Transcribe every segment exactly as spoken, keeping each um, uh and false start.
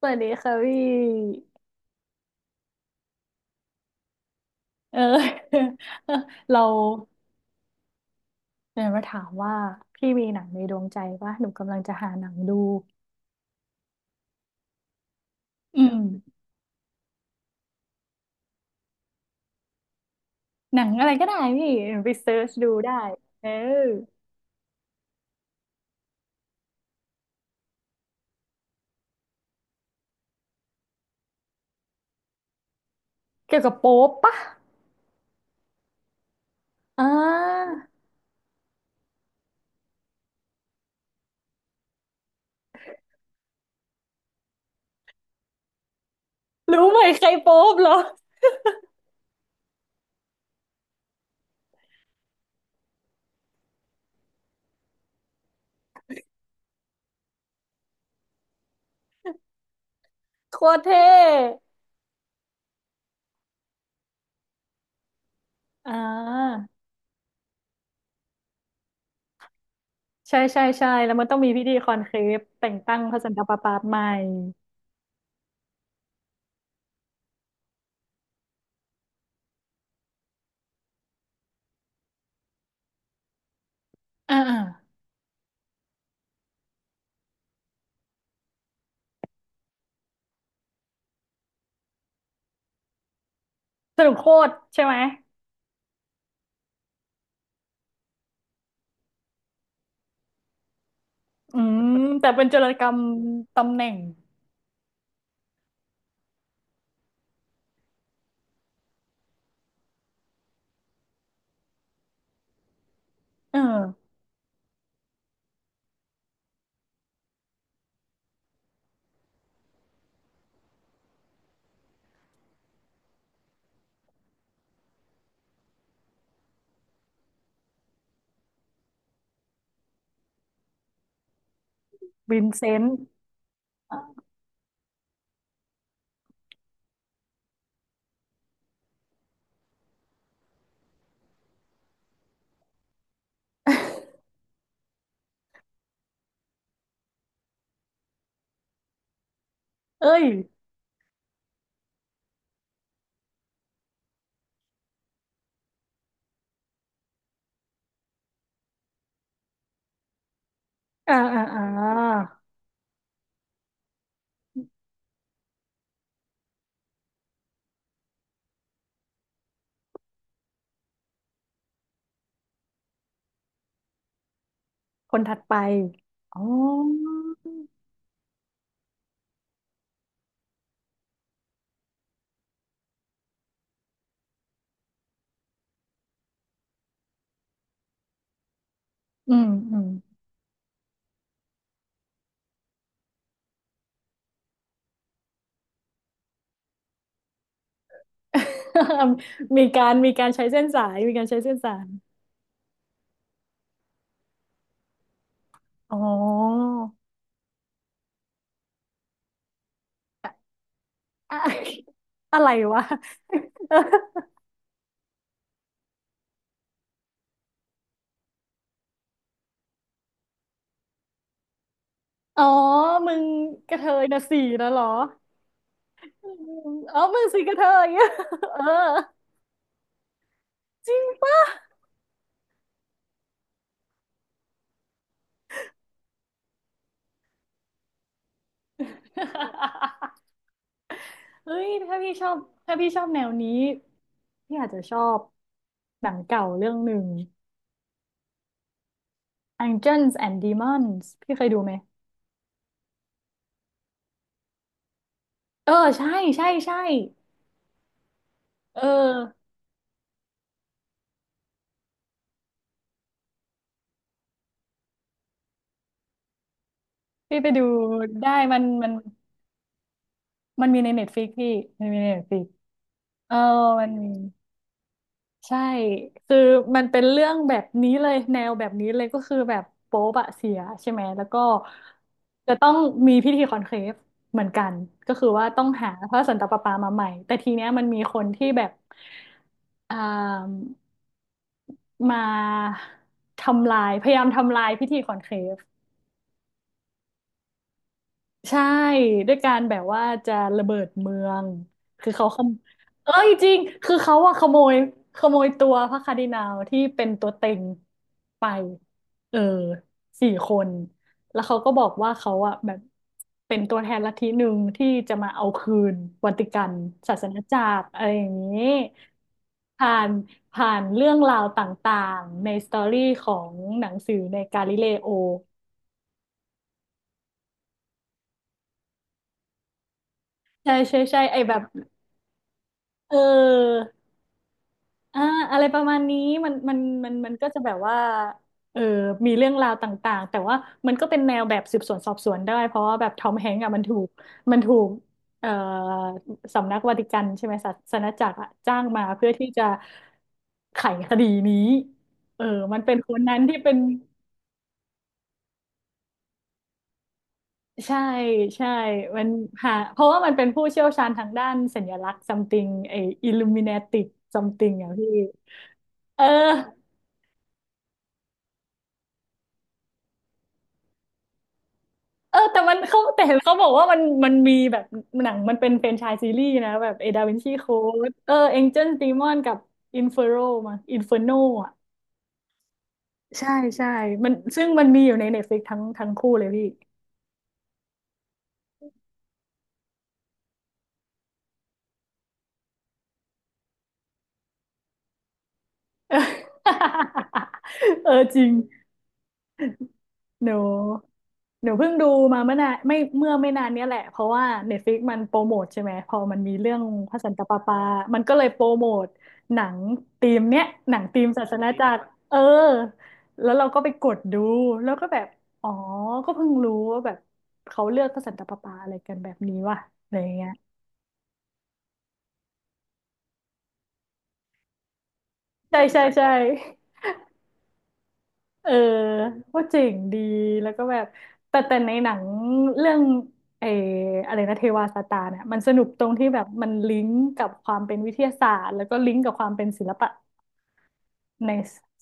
สวัสดีค่ะพี่ เออ เราเนี่ยมาถามว่าพี่มีหนังในดวงใจว่าหนูกำลังจะหาหนังดูอืมหนังอะไรก็ได้พี่ไปเซิร์ชดูได้ เออเกี่ยวกับโป๊ปปะอ่ารู้ไหมใครโป๊ปเหรอโคตรเท่อ่าใช่ใช่ใช่แล้วมันต้องมีพิธีคอนเคลฟแต่งตั้งพระสันตะปาปาใหม่ อ่าอ่าสรุปโคตรใช่ไหม อืมแต่เป็นจุลกรรมตำแหน่งเออ วินเซนต์เอ้ยอ่าอ่าอ่าคนถัดไป อ๋อ อืม อืม มีการมีการใช้เส้นสายมีการใช้เส้นสาย อ๋อ อะอะอะไรวะ อ๋อ มึงกระเทยนะสี่นะเหรออืมอ๋อ มึงสีกระเทย อะเออจริงปะ เฮ้ย ถ้าพี่ชอบ ถ้าพี่ชอบแนวนี้ พี่อาจจะชอบหนังเก่าเรื่องหนึ่ง Angels and Demons พี่เคยดูไหม เออใช่ใช่ใช่เออพี่ไปดูได้มันมันมันมีใน Netflix พี่มันมีใน Netflix เออมันมีใช่คือมันเป็นเรื่องแบบนี้เลยแนวแบบนี้เลยก็คือแบบโป๊ปอะเสียใช่ไหมแล้วก็จะต้องมีพิธีคอนเคฟเหมือนกันก็คือว่าต้องหาพระสันตะปาปามาใหม่แต่ทีเนี้ยมันมีคนที่แบบอ่า มาทำลายพยายามทำลายพิธีขอนเคฟ ใช่ด้วยการแบบว่าจะระเบิดเมืองคือเขาขโมเอ้ยจริงคือเขาอะขโมยขโมยตัวพระคาร์ดินัลที่เป็นตัวเต็งไปเออสี่คนแล้วเขาก็บอกว่าเขาอะแบบเป็นตัวแทนลัทธิหนึ่งที่จะมาเอาคืนวัติกันศาสนจักรอะไรอย่างนี้ผ่านผ่านเรื่องราวต่างๆในสตอรี่ของหนังสือในกาลิเลโอใช่ใช่ใช่ไอแบบเออ อ่าอะไรประมาณนี้มันมันมันมันก็จะแบบว่าเออมีเรื่องราวต่างๆแต่ว่ามันก็เป็นแนวแบบสืบสวนสอบสวนได้เพราะว่าแบบทอมแฮงก์อ่ะมันถูกมันถูกเอ่อสำนักวาติกันใช่ไหมศาสนจักรอ่ะจ้างมาเพื่อที่จะไขคดีนี้เออมันเป็นคนนั้นที่เป็นใช่ใช่มันหาเพราะว่ามันเป็นผู้เชี่ยวชาญทางด้านสัญลักษณ์ something ไอ้ illuminatic something อ่ะพี่เออ เออแต่มันเขาแต่เห็นเขาบอกว่ามันมันมีแบบหนังมันเป็นแฟรนไชส์ซีรีส์นะแบบเอดาวินชีโค้ดเออเอ็นเจิลดีมอนกับอินเฟอโรมาอินเฟอร์โนอ่ะใช่ใช่มันซึ่งมันมีอยู่ในเน็ตฟลิกทั้งทั้งคู่เลยพี่ เออจริง หนูหนูเพิ่งดูมาเมื่อนานไม่เมื่อไม่นานเนี้ยแหละเพราะว่า Netflix มันโปรโมทใช่ไหมพอมันมีเรื่องพระสันตะปาปามันก็เลยโปรโมทหนังธีมเนี้ยหนังธีมศาสนาจักรเออแล้วเราก็ไปกดดูแล้วก็แบบอ๋อก็เพิ่งรู้ว่าแบบเขาเลือกพระสันตะปาปาอะไรกันแบบนี้ว่ะอะไรอย่างเงี้ยใช่ใช่ใช่ เออว่าเจ๋งดีแล้วก็แบบแต่แต่ในหนังเรื่องเอออะไรนะเทวาสตาร์เนี่ยมันสนุกตรงที่แบบมันลิงก์กับความเป็นวิทยาศาสตร์แล้วก็ลิงก์กับความเป็นศิลปะใน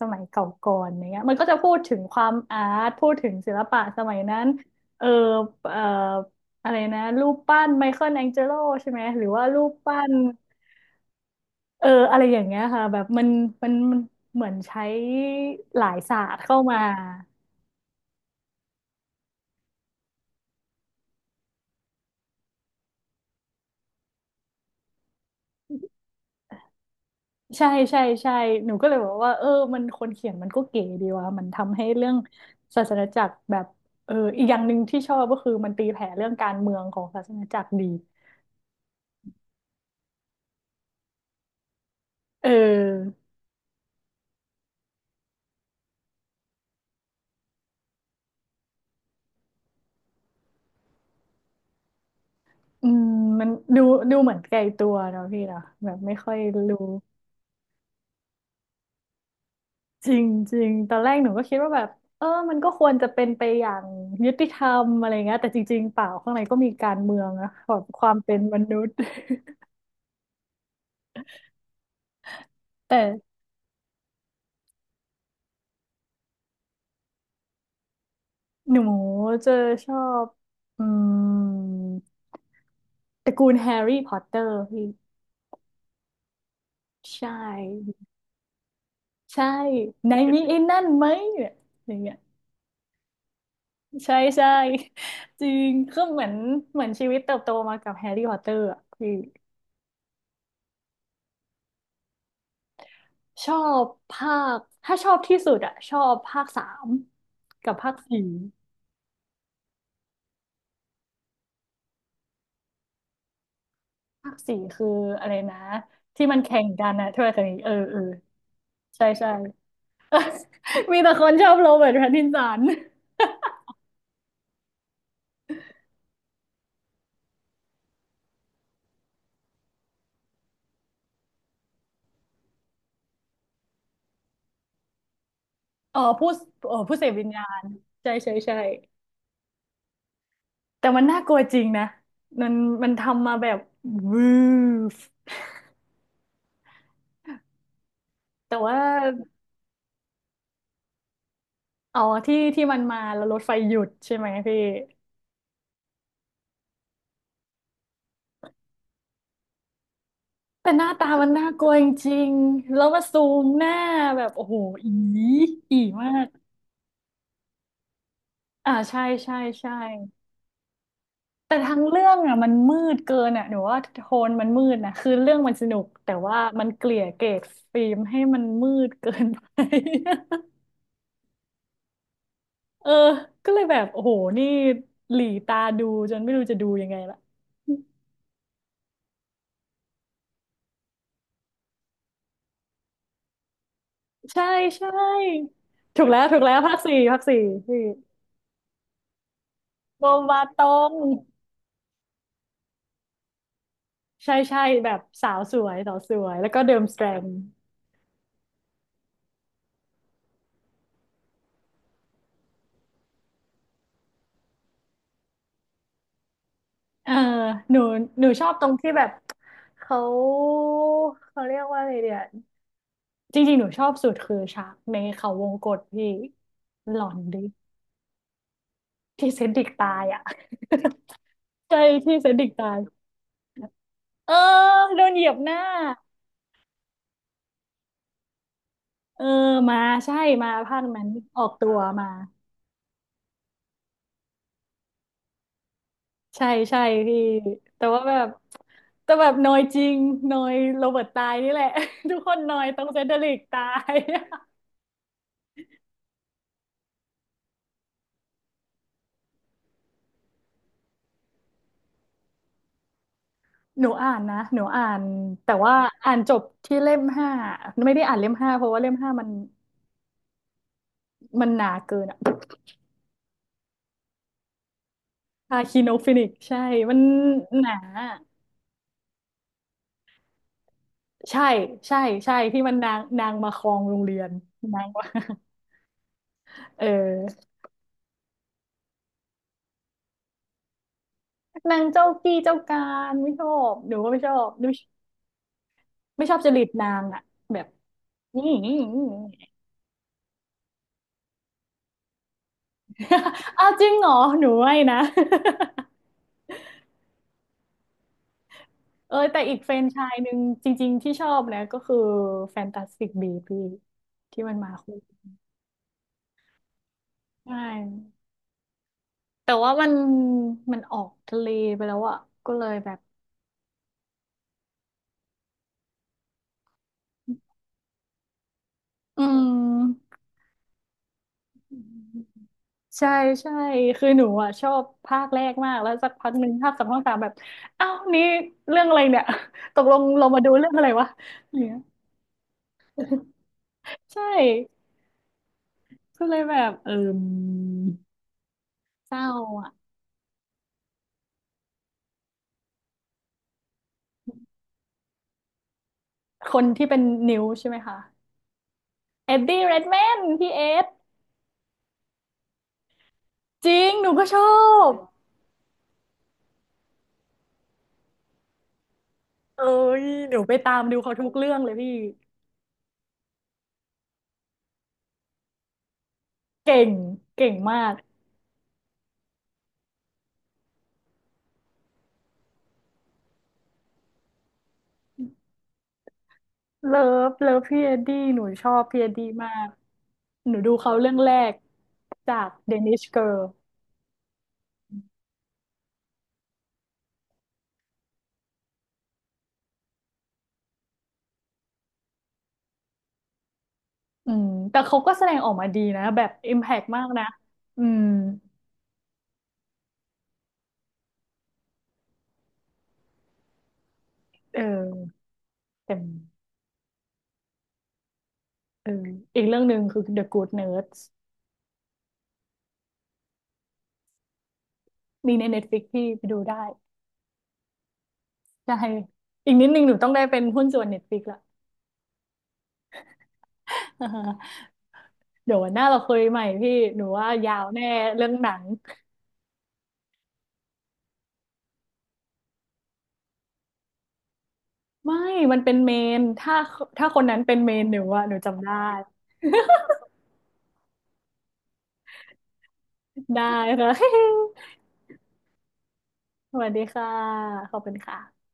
สมัยเก่าก่อนอย่างเงี้ยมันก็จะพูดถึงความอาร์ตพูดถึงศิลปะสมัยนั้นเออเอออะไรนะรูปปั้นไมเคิลแองเจโลใช่ไหมหรือว่ารูปปั้นเอออะไรอย่างเงี้ยค่ะแบบมันมันมันเหมือนใช้หลายศาสตร์เข้ามา ใช่ใช่ใช่หนูก็เลยบอกว่าเออมันคนเขียนมันก็เก๋ดีว่ะมันทำให้เรื่องศาสนจักรแบบเอออีกอย่างหนึ่งที่ชอบก็คือมันตีแผ่เรื่องการเมืองของศาสนจักรดีเอออืมมันดูดูเหมือนไกลตัวเนาะพี่เนาะแบบไม่ค่อยรู้จริงจริงตอนแรกหนูก็คิดว่าแบบเออมันก็ควรจะเป็นไปอย่างยุติธรรมอะไรเงี้ยแต่จริงๆเปล่าข้างในก็มีการเมืองนะแบบความเป็นมนุษย์ แต่หนูจะชอบอืม ตระกูลแฮร์รี่พอตเตอร์พี่ใช่ใช่ไหนมีไอ้นั่นไหมเนี่ยอย่างเงี้ยใช่ใช่ จริงก็เหมือนเหมือนชีวิตเติบโตมากับแฮร์รี่พอตเตอร์อ่ะพี่ชอบภาคถ้าชอบที่สุดอ่ะชอบภาคสามกับภาคสี่ภาคสี่คืออะไรนะที่มันแข่งกันนะถ้วยกัศนเออเออใช่ใช่ มีแต่คนชอบโรเบิร์ตแพตตินสันอ๋อผู้เออผู้เสพวิญญาณใช่ใช่ใช่ แต่มันน่ากลัวจริงนะมันมันทำมาแบบวืฟแต่ว่าอ๋อที่ที่มันมาแล้วรถไฟหยุดใช่ไหมพี่แต่หน้าตามันน่ากลัวจริงๆแล้วมาซูมหน้าแบบโอ้โหอีอีมากอ่าใช่ใช่ใช่แต่ทั้งเรื่องอ่ะมันมืดเกินอ่ะหนูว่าโทนมันมืดนะคือเรื่องมันสนุกแต่ว่ามันเกลี่ยเกรดฟิล์มให้มันมืดเกินไป เออก็เลยแบบโอ้โหนี่หลีตาดูจนไม่รู้จะดูยังไงละใช่ใช่ถูกแล้วถูกแล้วภาคสี่ภาคสี่พี่โบมาตงใช่ใช่แบบสาวสวยสาวสวยแล้วก็เดิมสแตรมเออหนูหนูชอบตรงที่แบบเขาเขาเรียกว่าอะไรเดียจริงๆหนูชอบสุดคือฉากในเขาวงกตพี่หลอนดิที่เซนดิกตายอ่ะ ใช่ที่เซนดิกตาย เออโดนเหยียบหน้า เออมาใช่มาภาคนั้นออกตัวมาใช่ใช่พี่แต่ว่าแบบแต่แบบนอยจริงนอยโรเบิร์ตตายนี่แหละ ทุกคนนอยต้องเซนเดริกตาย หนูอ่านนะหนูอ่านแต่ว่าอ่านจบที่เล่มห้าไม่ได้อ่านเล่มห้าเพราะว่าเล่มห้ามันมันหนาเกินอะคาคิโนฟินิกใช่มันหนาใช่ใช่ใช่ที่มันนางนางมาครองโรงเรียนนางว่า เออ นางเจ้ากี้เจ้าการไม่ชอบหนูก็ไม่ชอบหนูไม่ชอบจริตนางอะแบบ นี่นี่นี่นี่ อ้าวจริงเหรอหนูไม่นะ เออแต่อีกแฟรนไชส์หนึ่งจริงๆที่ชอบนะก็คือแฟนตาสติกบีบีที่มันมาคู่ใช่แต่ว่ามันมันออกทะเลไปแล้วอะก็เลยแบบอืม ใช่ใช่คือหนูอ่ะชอบภาคแรกมากแล้วสักพักหนึ่งภาคสองภาคสามแบบอ้าวนี่เรื่องอะไรเนี่ย ตกลงเรามาดูเรื่องอะไรวะเนี่ยใช่ก็เลยแบบเออเศร้าอ่ะคนที่เป็นนิ้วใช่ไหมคะเอ็ดดี้เรดแมนพี่เอสจริงหนูก็ชอบเอ้ยหนูไปตามดูเขาทุกเรื่องเลยพี่เก่งเก่งมากเลิฟเลิฟพี่เอ็ดดี้หนูชอบพี่เอ็ดดี้มากหนูดูเขาเรื่องแรกจาก เดนิช เกิล อืมแต่เขาก็แสดงออกมาดีนะแบบอิมแพกมากนะอืมเออแต่เอออีกเรื่องหนึ่งคือ เดอะ กู๊ด เนิร์ดส์ มีใน เน็ตฟลิกซ์ ที่ไปดูได้ใช่อีกนิดนึงหนูต้องได้เป็นหุ้นส่วน Netflix ละ เดี๋ยววันหน้าเราคุยใหม่พี่หนูว่ายาวแน่เรื่องหนังไม่มันเป็นเมนถ้าถ้าคนนั้นเป็นเมนหนูอะหนูจำได้ได้ค่ะ สวัสดีค่ะขอบคุณค่ะ